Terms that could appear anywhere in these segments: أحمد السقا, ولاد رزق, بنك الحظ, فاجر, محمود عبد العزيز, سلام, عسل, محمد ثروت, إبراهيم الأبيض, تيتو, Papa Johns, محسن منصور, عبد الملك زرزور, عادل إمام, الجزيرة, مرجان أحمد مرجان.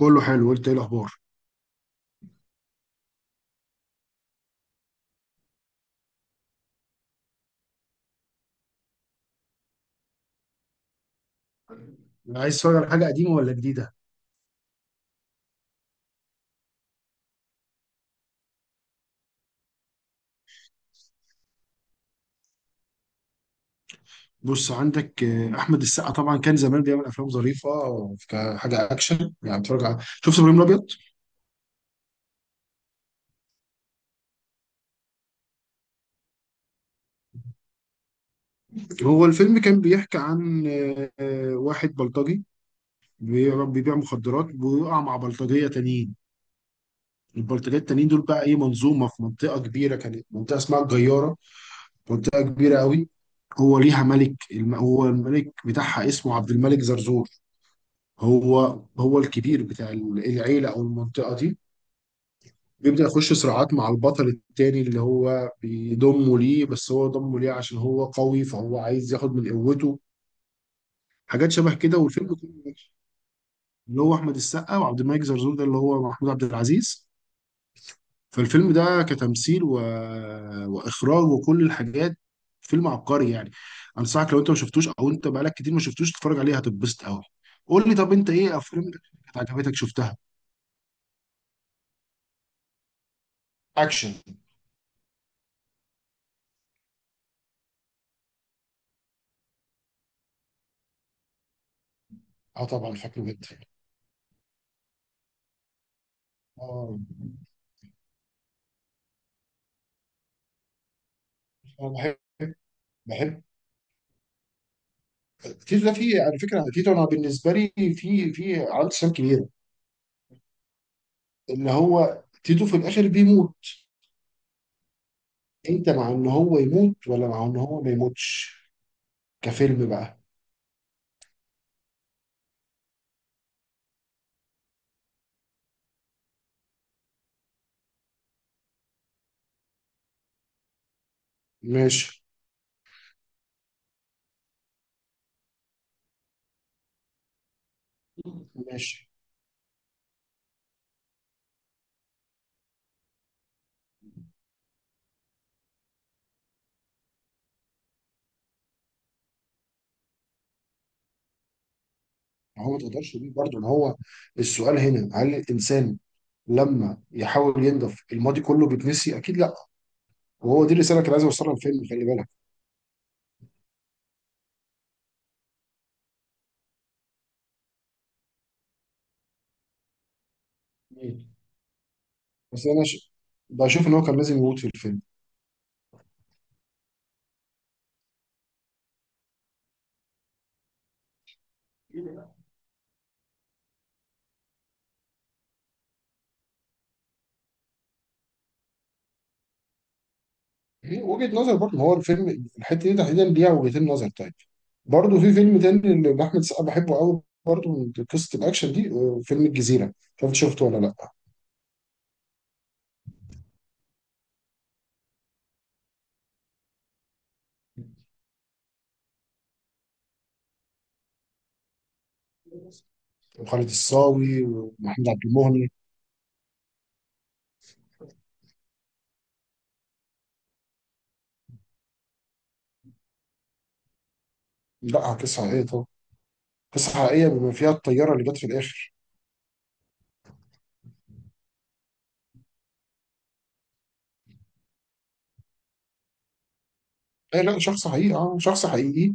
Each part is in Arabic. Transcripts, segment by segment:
كله حلو، قلت ايه الاخبار؟ عايز تتفرج على حاجه قديمه ولا جديده؟ بص عندك، احمد السقا طبعا كان زمان بيعمل افلام ظريفه. كحاجه اكشن يعني، اتفرج على شفت ابراهيم الابيض؟ هو الفيلم كان بيحكي عن واحد بلطجي بيبيع مخدرات، ويقع مع بلطجيه تانيين. البلطجيه التانيين دول بقى ايه، منظومه في منطقه كبيره، كانت منطقه اسمها الجياره. منطقه كبيره قوي. هو ليها ملك هو الملك بتاعها اسمه عبد الملك زرزور. هو الكبير بتاع العيلة أو المنطقة دي. بيبدأ يخش صراعات مع البطل التاني اللي هو بيضمه ليه، بس هو ضمه ليه عشان هو قوي، فهو عايز ياخد من قوته. حاجات شبه كده، والفيلم كله أكشن. اللي هو أحمد السقا، وعبد الملك زرزور ده اللي هو محمود عبد العزيز. فالفيلم ده كتمثيل وإخراج وكل الحاجات. فيلم عبقري يعني. أنصحك لو أنت ما شفتوش، أو أنت بقالك كتير ما شفتوش، تتفرج عليه هتتبسط قوي. قول لي، طب أنت إيه أفلام كانت عجبتك شفتها؟ اكشن. اه، طبعا فاكره جدا. اه، انا بحب تيتو ده. فيه على فكره تيتو، انا بالنسبه لي في عنده سام كبيره. اللي هو تيتو في الاخر بيموت. انت مع ان هو يموت ولا مع ان هو ما يموتش، كفيلم بقى؟ ماشي، ماشي. ما هو ما تقدرش تقول برضه ان هو، السؤال هنا هل الانسان لما يحاول ينضف الماضي كله بيتنسي؟ اكيد لا. وهو دي الرساله اللي كان عايز يوصلها الفيلم، خلي بالك. مم. بس بشوف ان هو كان لازم يموت في الفيلم. هي وجهة نظر برضه، ما هو الفيلم الحتة دي تحديدا ليها وجهتين نظر. طيب، برضه في فيلم تاني لأحمد السقا بحبه قوي، برضه من قصة الأكشن دي، فيلم الجزيرة. مش عارف شفته ولا لأ. وخالد الصاوي ومحمد عبد المهني. لا، قصة حقيقية طبعا. قصة حقيقية بما فيها الطيارة اللي جت في الآخر. أي لا، شخص حقيقي، اه شخص حقيقي.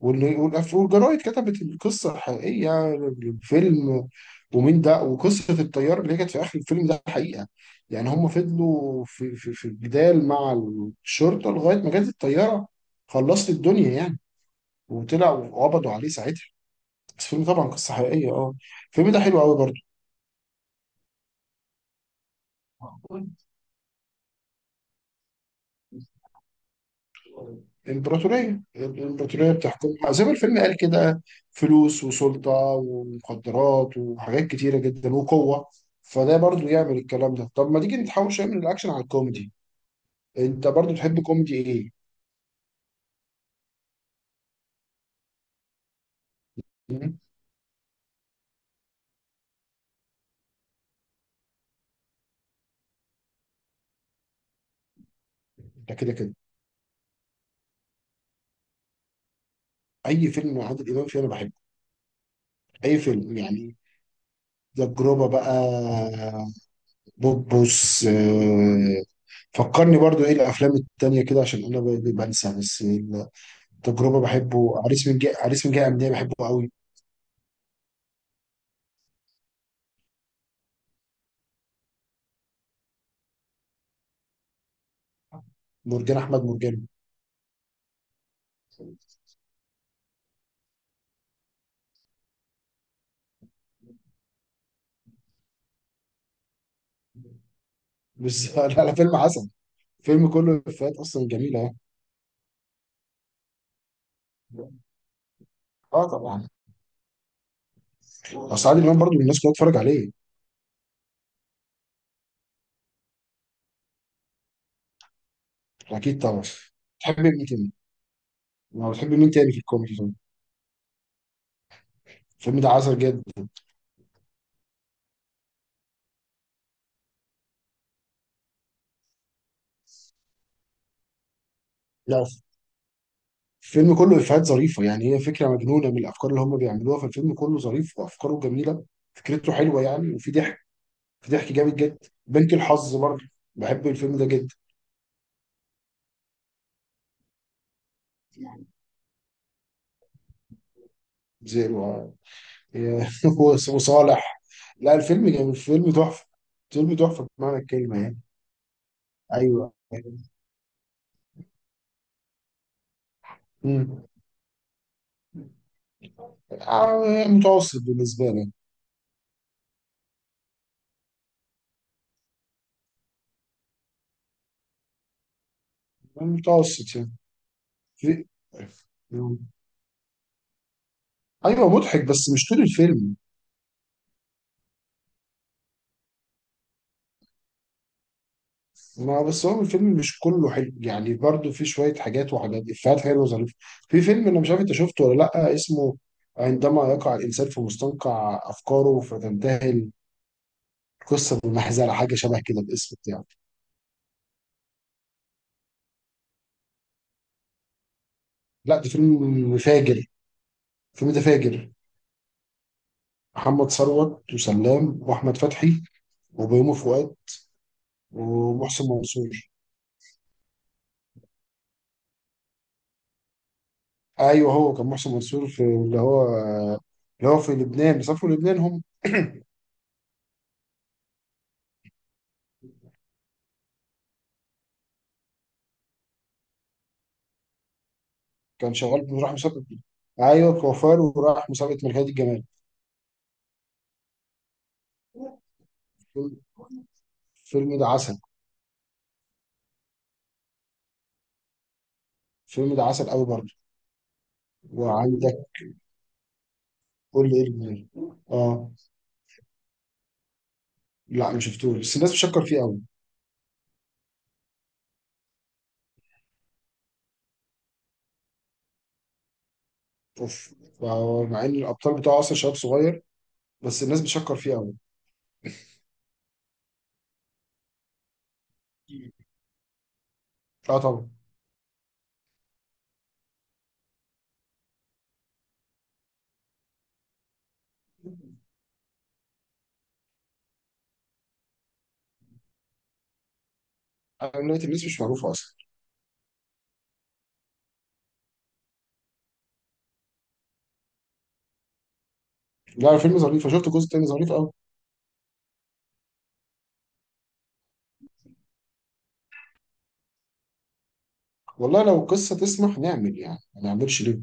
والجرايد كتبت القصة الحقيقية للفيلم. ومين ده، وقصة الطيار اللي هي كانت في آخر الفيلم ده حقيقة. يعني هم فضلوا في الجدال مع الشرطة لغاية ما جت الطيارة. خلصت الدنيا يعني. وطلعوا وقبضوا عليه ساعتها. بس الفيلم طبعا قصة حقيقية، اه. الفيلم ده حلو قوي برضه. الإمبراطورية بتحكمها زي ما الفيلم قال كده: فلوس وسلطة ومخدرات وحاجات كتيرة جدا وقوة. فده برضو يعمل الكلام ده. طب ما تيجي نتحول شوية من الأكشن على الكوميدي. أنت برضو تحب كوميدي إيه؟ مم؟ ده كده كده. أي فيلم مع عادل إمام فيه أنا بحبه. أي فيلم يعني. تجربة بقى، بوبوس. فكرني برضو إيه الأفلام التانية كده، عشان أنا بنسى بس. التجربة بحبه، عريس من جهة أمنية بحبه قوي. مرجان احمد مرجان. بس على فيلم عسل. فيلم كله افيهات اصلا جميله يعني. اه طبعا. اصل عادل امام برضو الناس كلها تتفرج عليه. اكيد طبعا. تحب مين تاني؟ ما بتحب مين تاني في الكوميدي طيب؟ الفيلم ده عسل جدا. لا، الفيلم كله افيهات ظريفه يعني، هي فكره مجنونه من الافكار اللي هم بيعملوها. فالفيلم كله ظريف وافكاره جميله. فكرته حلوه يعني، وفي ضحك. في ضحك جامد جدا. بنك الحظ برضه، بحب الفيلم ده جدا. زي وصالح. لا، الفيلم جميل، الفيلم تحفة. الفيلم تحفة بمعنى الكلمة يعني. أيوه. مم. متوسط بالنسبة لي. متوسط يعني. في... أيوه، مضحك بس مش طول الفيلم. ما بس هو الفيلم مش كله حلو يعني، برضو في شوية حاجات، وحاجات إفيهات حلوة وظريفة. في فيلم أنا مش عارف أنت شفته ولا لأ، اسمه: عندما يقع الإنسان في مستنقع أفكاره فتنتهي القصة بالمحزلة، حاجة شبه كده الاسم بتاعه. لا، ده فيلم فاجر، في ده فاجر. محمد ثروت وسلام واحمد فتحي وبيومي فؤاد ومحسن منصور. ايوه، هو كان محسن منصور في اللي هو، اللي هو في لبنان، بيسافروا لبنان هم كان شغال، راح مسابقه. ايوه، كوفار وراح مسابقه ملكية الجمال. الفيلم ده عسل. الفيلم ده عسل قوي برضه. وعندك، قول لي ايه. اه لا، ما شفتوش، بس الناس بتشكر فيه قوي. اوف. مع ان الابطال بتاعه اصلا شباب صغير، بس الناس بتشكر فيه قوي. اه طبعا. نهاية. الناس مش معروفة أصلا. لا، الفيلم ظريف، أنا شفت الجزء التاني ظريف أوي. والله لو القصة تسمح نعمل، يعني ما نعملش ليه.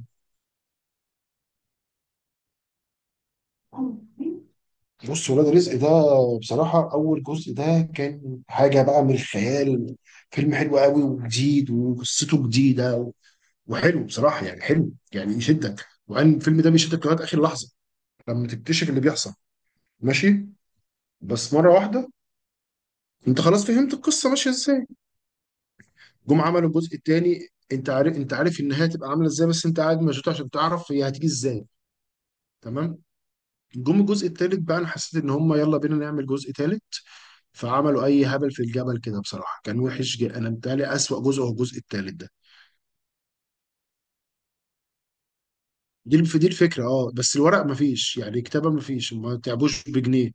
بص، ولاد رزق ده بصراحة أول جزء ده كان حاجة بقى من الخيال. فيلم حلو قوي وجديد وقصته جديدة، وحلو بصراحة، يعني حلو يعني يشدك، وأن الفيلم ده بيشدك لغاية آخر لحظة لما تكتشف اللي بيحصل. ماشي. بس مرة واحدة، أنت خلاص فهمت القصة ماشية إزاي. جم عملوا الجزء الثاني، انت عارف النهايه هتبقى عامله ازاي، بس انت قاعد مشدود عشان تعرف هي هتيجي ازاي. تمام. جم الجزء الثالث بقى، انا حسيت ان هم يلا بينا نعمل جزء ثالث، فعملوا اي هبل في الجبل كده. بصراحه كان وحش جدا، انا متهيألي اسوأ جزء هو الجزء الثالث ده. دي الفكره، اه، بس الورق مفيش، يعني الكتابه مفيش، ما تعبوش بجنيه.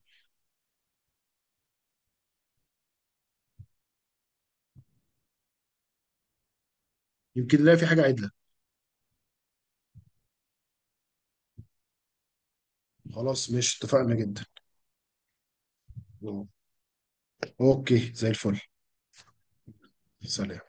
يمكن نلاقي في حاجه عدله. خلاص ماشي، اتفقنا جدا. اوكي زي الفل. سلام.